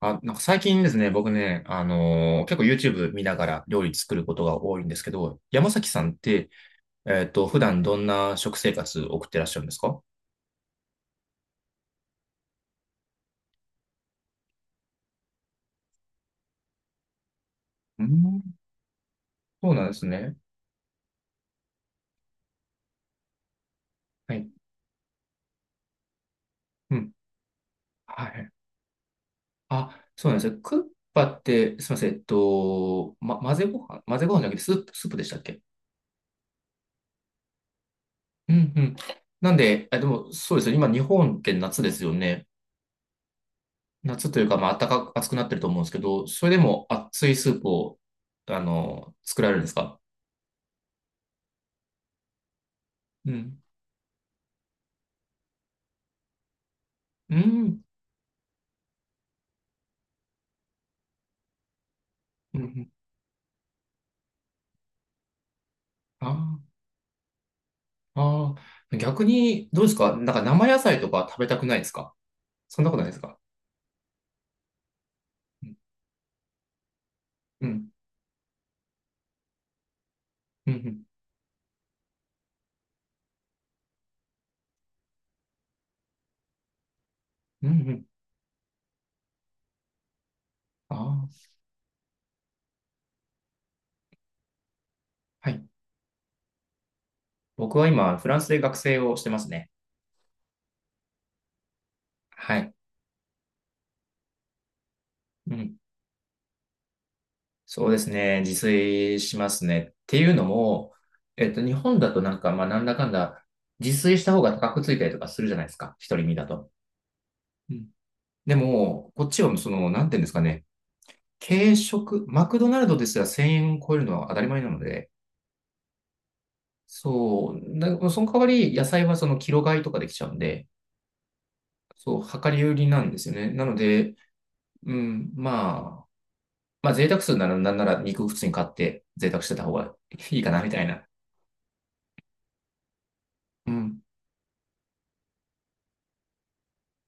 あ、なんか最近ですね、僕ね、結構 YouTube 見ながら料理作ることが多いんですけど、山崎さんって、普段どんな食生活送ってらっしゃるんですか？うん、そうなんですね。はい。うん。はい。あ、そうなんですね。クッパって、すみません、ま、混ぜご飯、混ぜご飯じゃなくてスープ、スープでしたっけ？うんうん。なんで、でも、そうですよ。今、日本って夏ですよね。夏というか、まあ、暖かく、暑くなってると思うんですけど、それでも熱いスープを、作られるんですか？うん。うん。うん。ああ。ああ。逆に、どうですか？なんか生野菜とか食べたくないですか？そんなことないですか？うん。うん。うん。うん。うん。ああ。はい。僕は今、フランスで学生をしてますね。はい。うん。そうですね。自炊しますね。っていうのも、日本だとなんか、まあ、なんだかんだ、自炊した方が高くついたりとかするじゃないですか。一人身だと。うん。でも、こっちはその、なんていうんですかね。軽食、マクドナルドですら1000円超えるのは当たり前なので、そう、だその代わり野菜はそのキロ買いとかできちゃうんで、そう、量り売りなんですよね。なので、うん、まあ、まあ贅沢するならなんなら肉普通に買って贅沢してた方がいいかなみたいな。うん。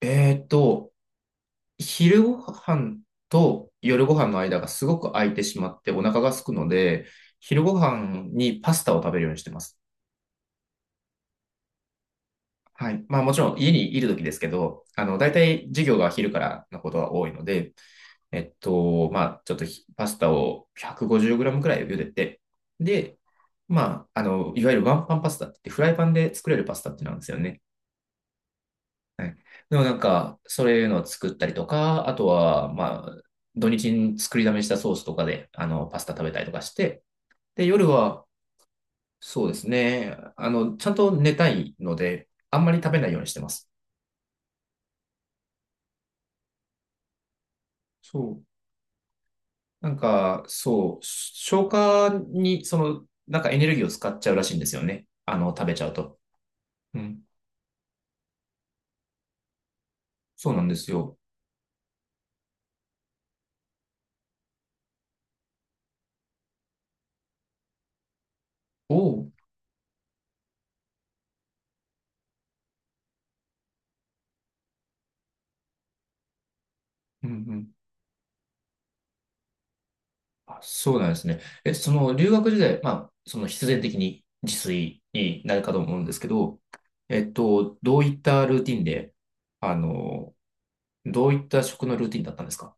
えーっと、昼ご飯と夜ご飯の間がすごく空いてしまってお腹が空くので、昼ご飯にパスタを食べるようにしてます。はい。まあもちろん家にいる時ですけど、大体授業が昼からのことは多いので、まあちょっとパスタを 150g くごじゅうグラムくらい茹でて、で、まあ、いわゆるワンパンパスタって言ってフライパンで作れるパスタってなんですよね。はい。でもなんか、そういうのを作ったりとか、あとは、まあ、土日に作りだめしたソースとかで、パスタ食べたりとかして、で、夜は、そうですね、ちゃんと寝たいので、あんまり食べないようにしてます。そう。なんか、そう、消化に、その、なんかエネルギーを使っちゃうらしいんですよね。食べちゃうと。うん。そうなんですよ。おう。うんうん。あ、そうなんですね。え、その、留学時代、まあ、その必然的に自炊になるかと思うんですけど、どういったルーティンで、あの、どういった食のルーティンだったんですか？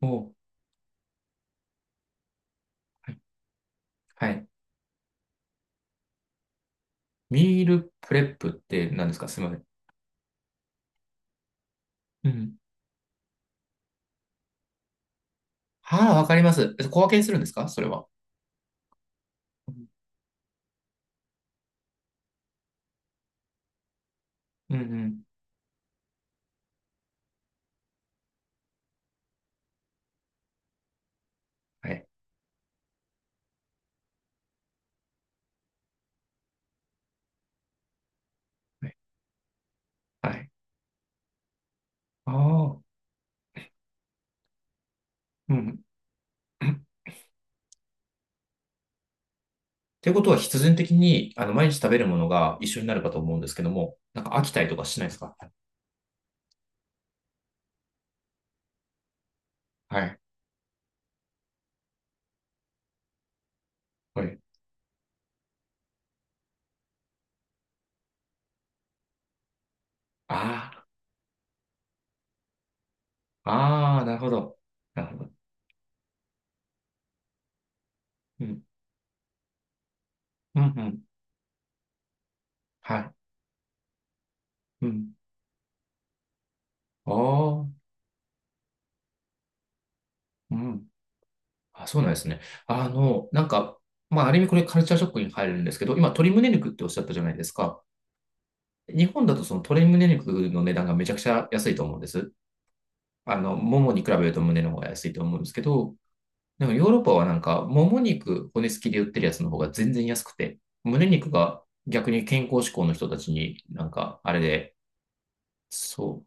おう。はい。はい。ミールプレップって何ですか？すみません。うん。はあ、わかります。小分けにするんですかそれは？うんうん。はい。はい。はい。ああ、うん。っていうことは必然的に、毎日食べるものが一緒になるかと思うんですけども、なんか飽きたりとかしないですか？はい。はい。ああ、ああ、なるほど。なるほど。うん。うん、うん。はい。うん。ああ、うん。あ、そうなんですね。なんか、まあ、ある意味これカルチャーショックに入るんですけど、今、鶏胸肉っておっしゃったじゃないですか。日本だとその鶏胸肉の値段がめちゃくちゃ安いと思うんです。ももに比べると胸の方が安いと思うんですけど、でもヨーロッパはなんか、もも肉骨付きで売ってるやつの方が全然安くて、胸肉が逆に健康志向の人たちになんか、あれで、そう、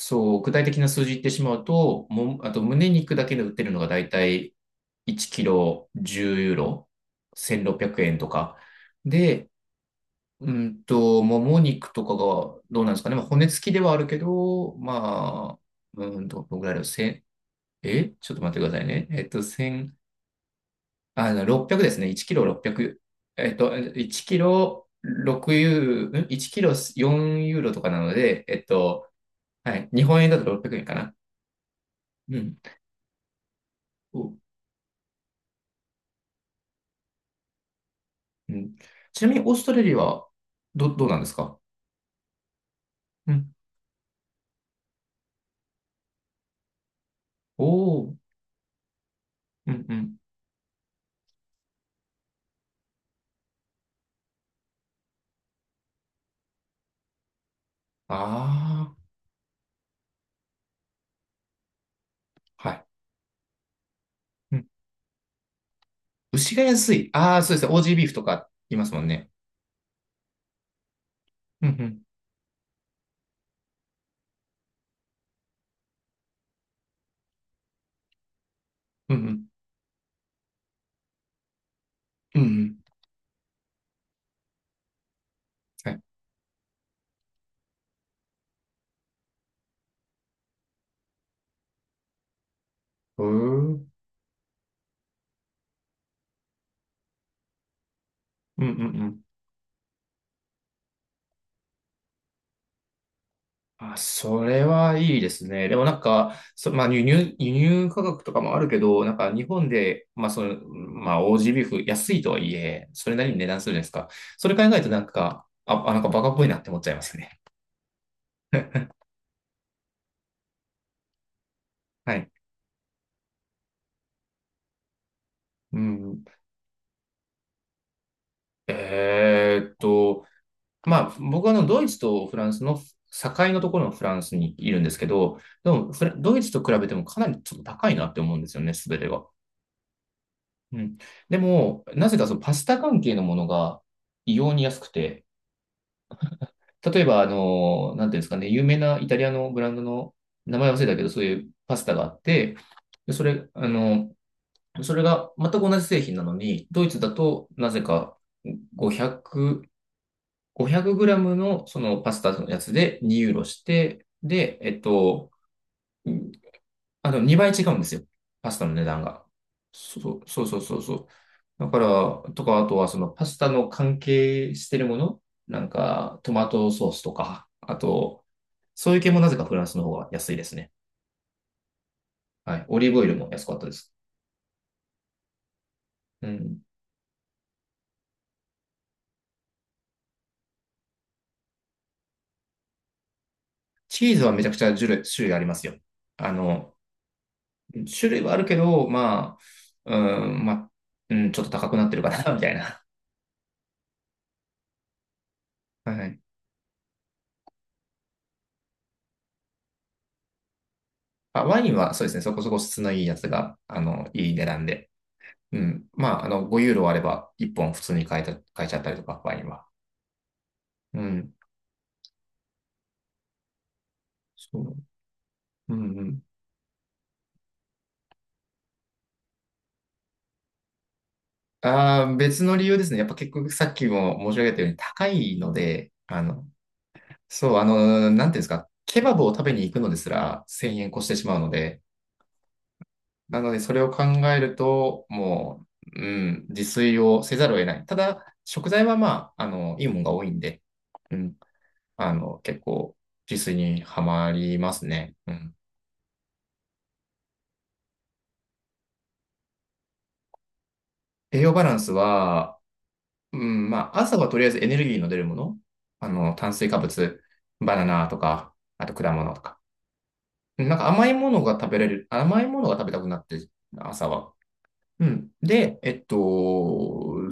そう、具体的な数字言ってしまうと、あと胸肉だけで売ってるのがだいたい1キロ10ユーロ、1600円とか。で、もも肉とかがどうなんですかね。まあ、骨付きではあるけど、まあ、どのぐらいだろう。せんえちょっと待ってくださいね。えっと、千あの、600ですね。1キロ600。えっと、1キロ6ユーロ、ん？ 1 キロ4ユーロとかなので、えっと、はい。日本円だと600円かな。うん。お、うん、ちなみに、オーストラリアは、どうなんですか？うん。おー。うんうん。ああ。はい。うん。牛が安い。ああ、そうですね。オージービーフとか言いますもんね。うんうん。うんうん。うんうん。はい。うーん。うんうんうん。あ、それはいいですね。でもなんか、まあ、輸入価格とかもあるけど、なんか日本で、まあその、まあオージービーフ安いとはいえ、それなりに値段するじゃないですか。それ考えるとなんか、あなんかバカっぽいなって思っちゃいますね。はい。うん。えーっと、まあ僕はあのドイツとフランスの境のところのフランスにいるんですけど、でもドイツと比べてもかなりちょっと高いなって思うんですよね、すべてが。うん。でも、なぜかそのパスタ関係のものが異様に安くて、例えば、なんていうんですかね、有名なイタリアのブランドの名前忘れたけど、そういうパスタがあって、でそれ、それが全く同じ製品なのに、ドイツだとなぜか500、5グラムのそのパスタのやつで2ユーロして、で、えっと、あ、でも2倍違うんですよ。パスタの値段が。そうそうそうそうそう。だから、とか、あとはそのパスタの関係してるもの、なんかトマトソースとか、あと、そういう系もなぜかフランスの方が安いですね。はい。オリーブオイルも安かったです。うん。チーズはめちゃくちゃ種類ありますよ。あの、種類はあるけど、まあ、うん、まあ、うん、ちょっと高くなってるかな、みたいな。はい。あ、ワインはそうですね、そこそこ質のいいやつが、いい値段で。うん。まあ、5ユーロあれば、1本普通に買えた、買えちゃったりとか、ワインは。うん。そう。うんうん。ああ、別の理由ですね。やっぱ結局さっきも申し上げたように高いので、そう、なんていうんですか、ケバブを食べに行くのですら1000円越してしまうので、なのでそれを考えると、もう、うん、自炊をせざるを得ない。ただ、食材はまあ、いいものが多いんで、うん、結構自炊にはまりますね。うん。栄養バランスは、うん、まあ、朝はとりあえずエネルギーの出るもの。炭水化物、バナナとか、あと果物とか。なんか甘いものが食べれる、甘いものが食べたくなって、朝は。うん。で、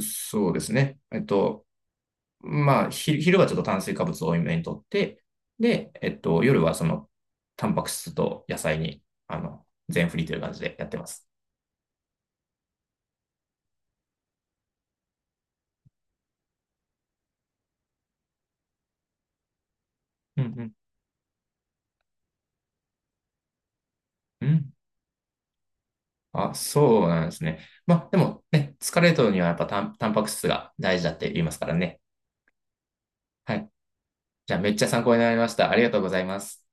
そうですね。まあ、昼はちょっと炭水化物を多めにとって、で、夜はその、タンパク質と野菜に、全振りという感じでやってます。うんうん。うん。あ、そうなんですね。まあ、でもね、疲れるのにはやっぱタンパク質が大事だって言いますからね。はい。じゃあめっちゃ参考になりました。ありがとうございます。